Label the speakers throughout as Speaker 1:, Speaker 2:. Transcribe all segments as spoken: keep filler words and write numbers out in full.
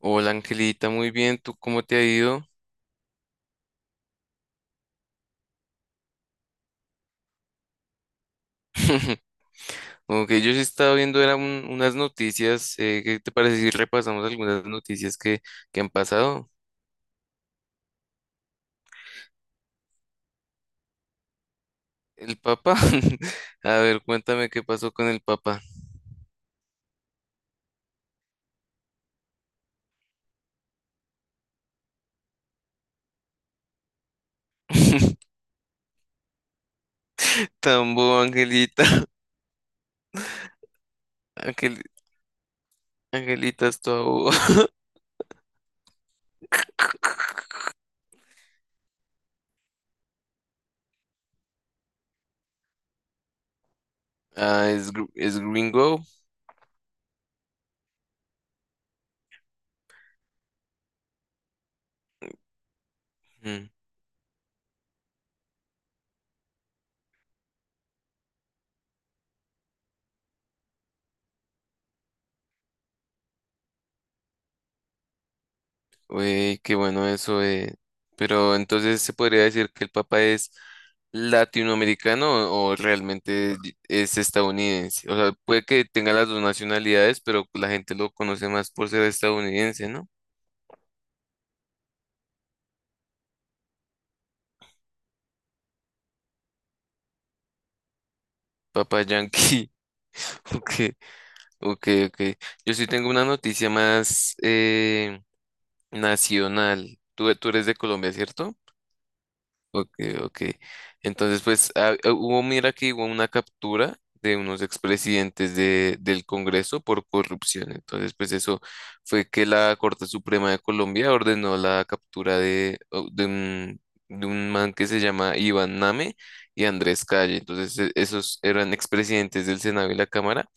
Speaker 1: Hola Angelita, muy bien, ¿tú cómo te ha ido? Como que yo sí estaba viendo eran un- unas noticias, eh, ¿qué te parece si repasamos algunas noticias que, que han pasado? ¿El Papa? A ver, cuéntame qué pasó con el Papa. Tan bobo, Angelita. Angel- Angelita es toda boba. Ah, es, gr- es gringo. Mm. Uy, qué bueno eso, eh. Pero entonces se podría decir que el Papa es latinoamericano o o realmente y- es estadounidense. O sea, puede que tenga las dos nacionalidades, pero la gente lo conoce más por ser estadounidense, ¿no? Papa Yankee. Ok, ok, ok. Yo sí tengo una noticia más, eh, nacional. Tú, tú eres de Colombia, ¿cierto? Ok, ok. Entonces, pues ah, ah, hubo, mira que hubo una captura de unos expresidentes de, del Congreso por corrupción. Entonces, pues eso fue que la Corte Suprema de Colombia ordenó la captura de, o- de un, de un man que se llama Iván Name y Andrés Calle. Entonces, e- esos eran expresidentes del Senado y la Cámara,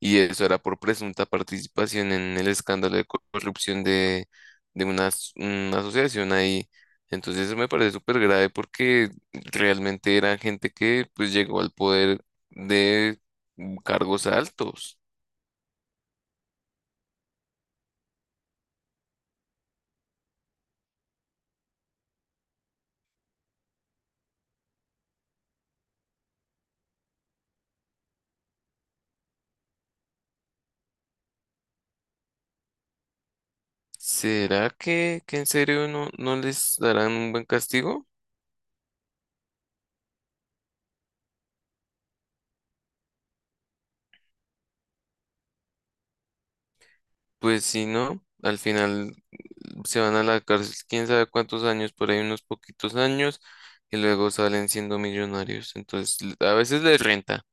Speaker 1: y eso era por presunta participación en el escándalo de corrupción de, de una, as- una asociación ahí. Entonces eso me parece súper grave porque realmente era gente que pues llegó al poder de cargos altos. ¿Será que, que en serio no, no les darán un buen castigo? Pues si no, al final se van a la cárcel quién sabe cuántos años, por ahí unos poquitos años, y luego salen siendo millonarios. Entonces a veces les renta.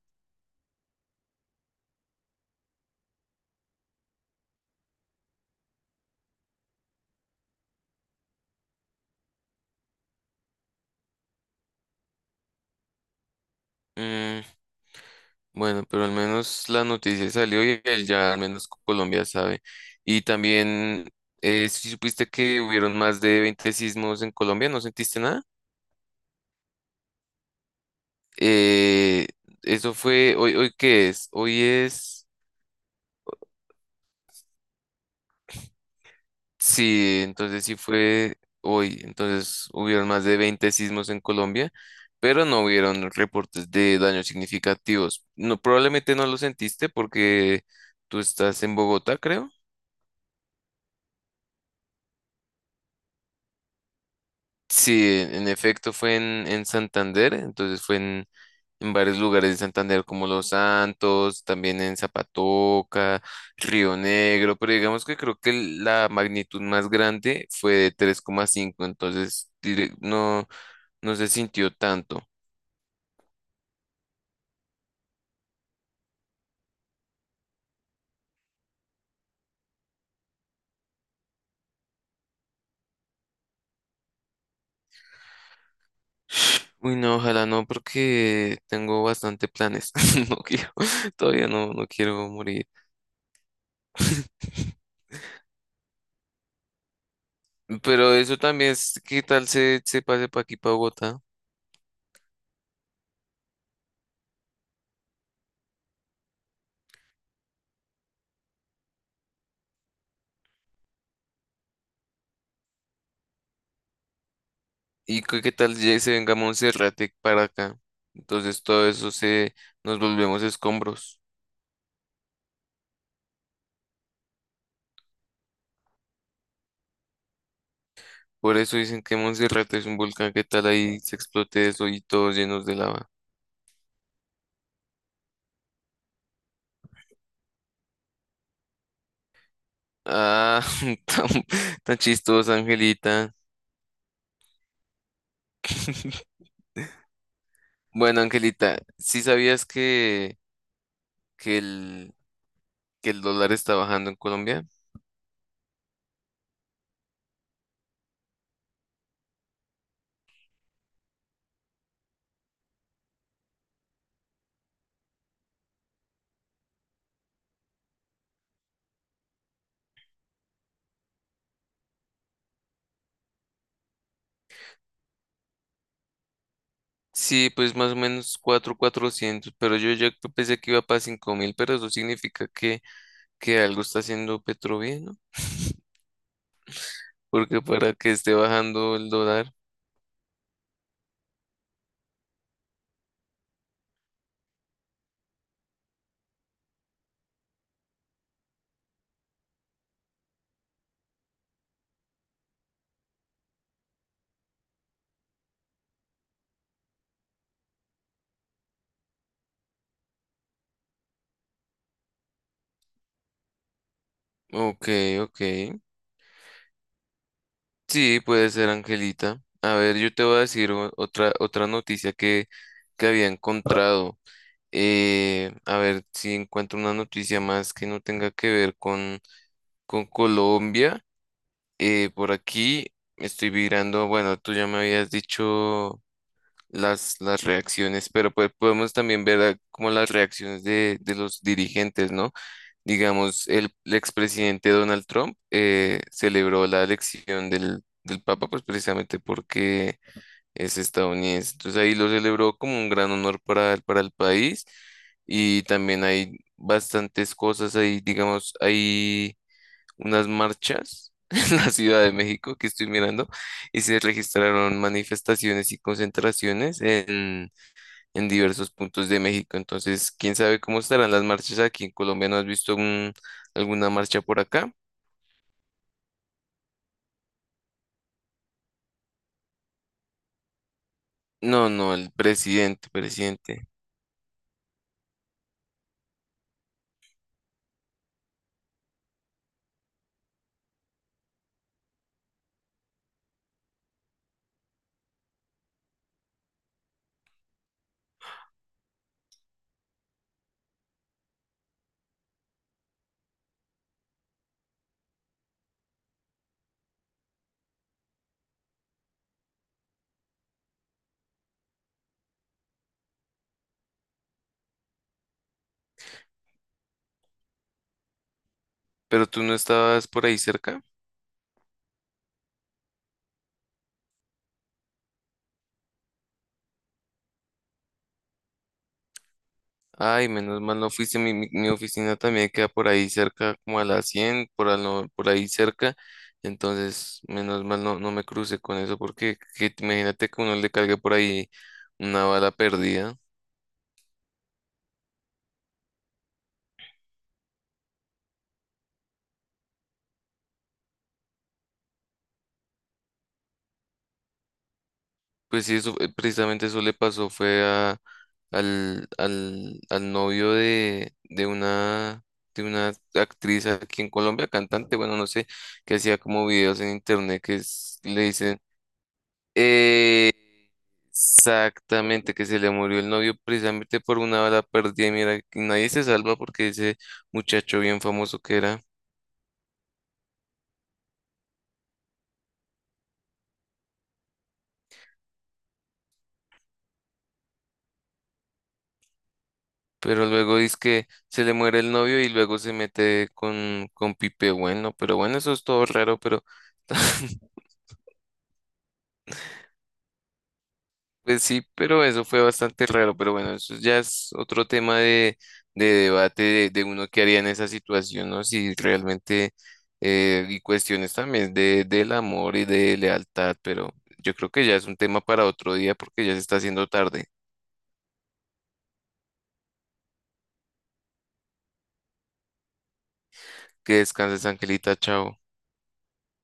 Speaker 1: Mm, bueno, pero al menos la noticia salió y él ya al menos Colombia sabe. Y también, eh, si supiste que hubieron más de veinte sismos en Colombia, ¿no sentiste nada? Eh, eso fue, hoy, hoy ¿qué es? Hoy es, sí, entonces sí fue hoy. Entonces hubieron más de veinte sismos en Colombia, pero no hubieron reportes de daños significativos. No, probablemente no lo sentiste porque tú estás en Bogotá, creo. Sí, en efecto fue en, en Santander, entonces fue en, en varios lugares de Santander como Los Santos, también en Zapatoca, Río Negro, pero digamos que creo que el- la magnitud más grande fue de tres coma cinco, entonces dire- no, no se sintió tanto. Uy, no, ojalá no, porque tengo bastante planes. No quiero, todavía no, no quiero morir. Pero eso también es, ¿qué tal se, se pase para aquí, para Bogotá? ¿Y qué qué tal ya se venga Monserrate para acá? Entonces todo eso se nos volvemos escombros. Por eso dicen que Monserrate es un volcán. ¿Qué tal ahí se explote eso y todos llenos de lava? Ah, tan, tan chistosa, Angelita. Bueno, Angelita, ¿sí sabías que, que el, que el dólar está bajando en Colombia? Sí, pues más o menos cuatro mil cuatrocientos, pero yo ya pensé que iba para cinco mil, pero eso significa que, que algo está haciendo Petro bien, ¿no? Porque para que esté bajando el dólar. Ok, ok. Sí, puede ser, Angelita. A ver, yo te voy a decir o- otra, otra noticia que, que había encontrado. Eh, a ver si encuentro una noticia más que no tenga que ver con, con Colombia. Eh, por aquí estoy mirando, bueno, tú ya me habías dicho las, las reacciones, pero pues podemos también ver, ah, como las reacciones de, de los dirigentes, ¿no? Digamos, el, el expresidente Donald Trump, eh, celebró la elección del, del Papa, pues precisamente porque es estadounidense. Entonces ahí lo celebró como un gran honor para, el- para el país, y también hay bastantes cosas ahí, digamos, hay unas marchas en la Ciudad de México que estoy mirando, y se registraron manifestaciones y concentraciones en diversos puntos de México. Entonces, quién sabe cómo estarán las marchas aquí en Colombia. ¿No has visto un- alguna marcha por acá? No, no, el presidente, presidente. Pero tú no estabas por ahí cerca. Ay, menos mal no fuiste. Mi, mi- mi oficina también queda por ahí cerca, como a las cien por, al no- por ahí cerca. Entonces, menos mal no, no me crucé con eso, porque que- imagínate que uno le cargue por ahí una bala perdida. Pues sí, eso, eh, precisamente eso le pasó fue a, al, al, al novio de, de una, de una actriz aquí en Colombia, cantante, bueno, no sé, que hacía como videos en internet que es- le dicen, eh, exactamente que se le murió el novio precisamente por una bala perdida, y mira, nadie se salva porque ese muchacho bien famoso que era. Pero luego dice que se le muere el novio y luego se mete con, con Pipe Bueno. Pero bueno, eso es todo raro, pero pues sí, pero eso fue bastante raro. Pero bueno, eso ya es otro tema de, de debate de, de uno que haría en esa situación, ¿no? Si realmente, eh, y cuestiones también de, del amor y de lealtad, pero yo creo que ya es un tema para otro día porque ya se está haciendo tarde. Que descanses, Angelita, chao.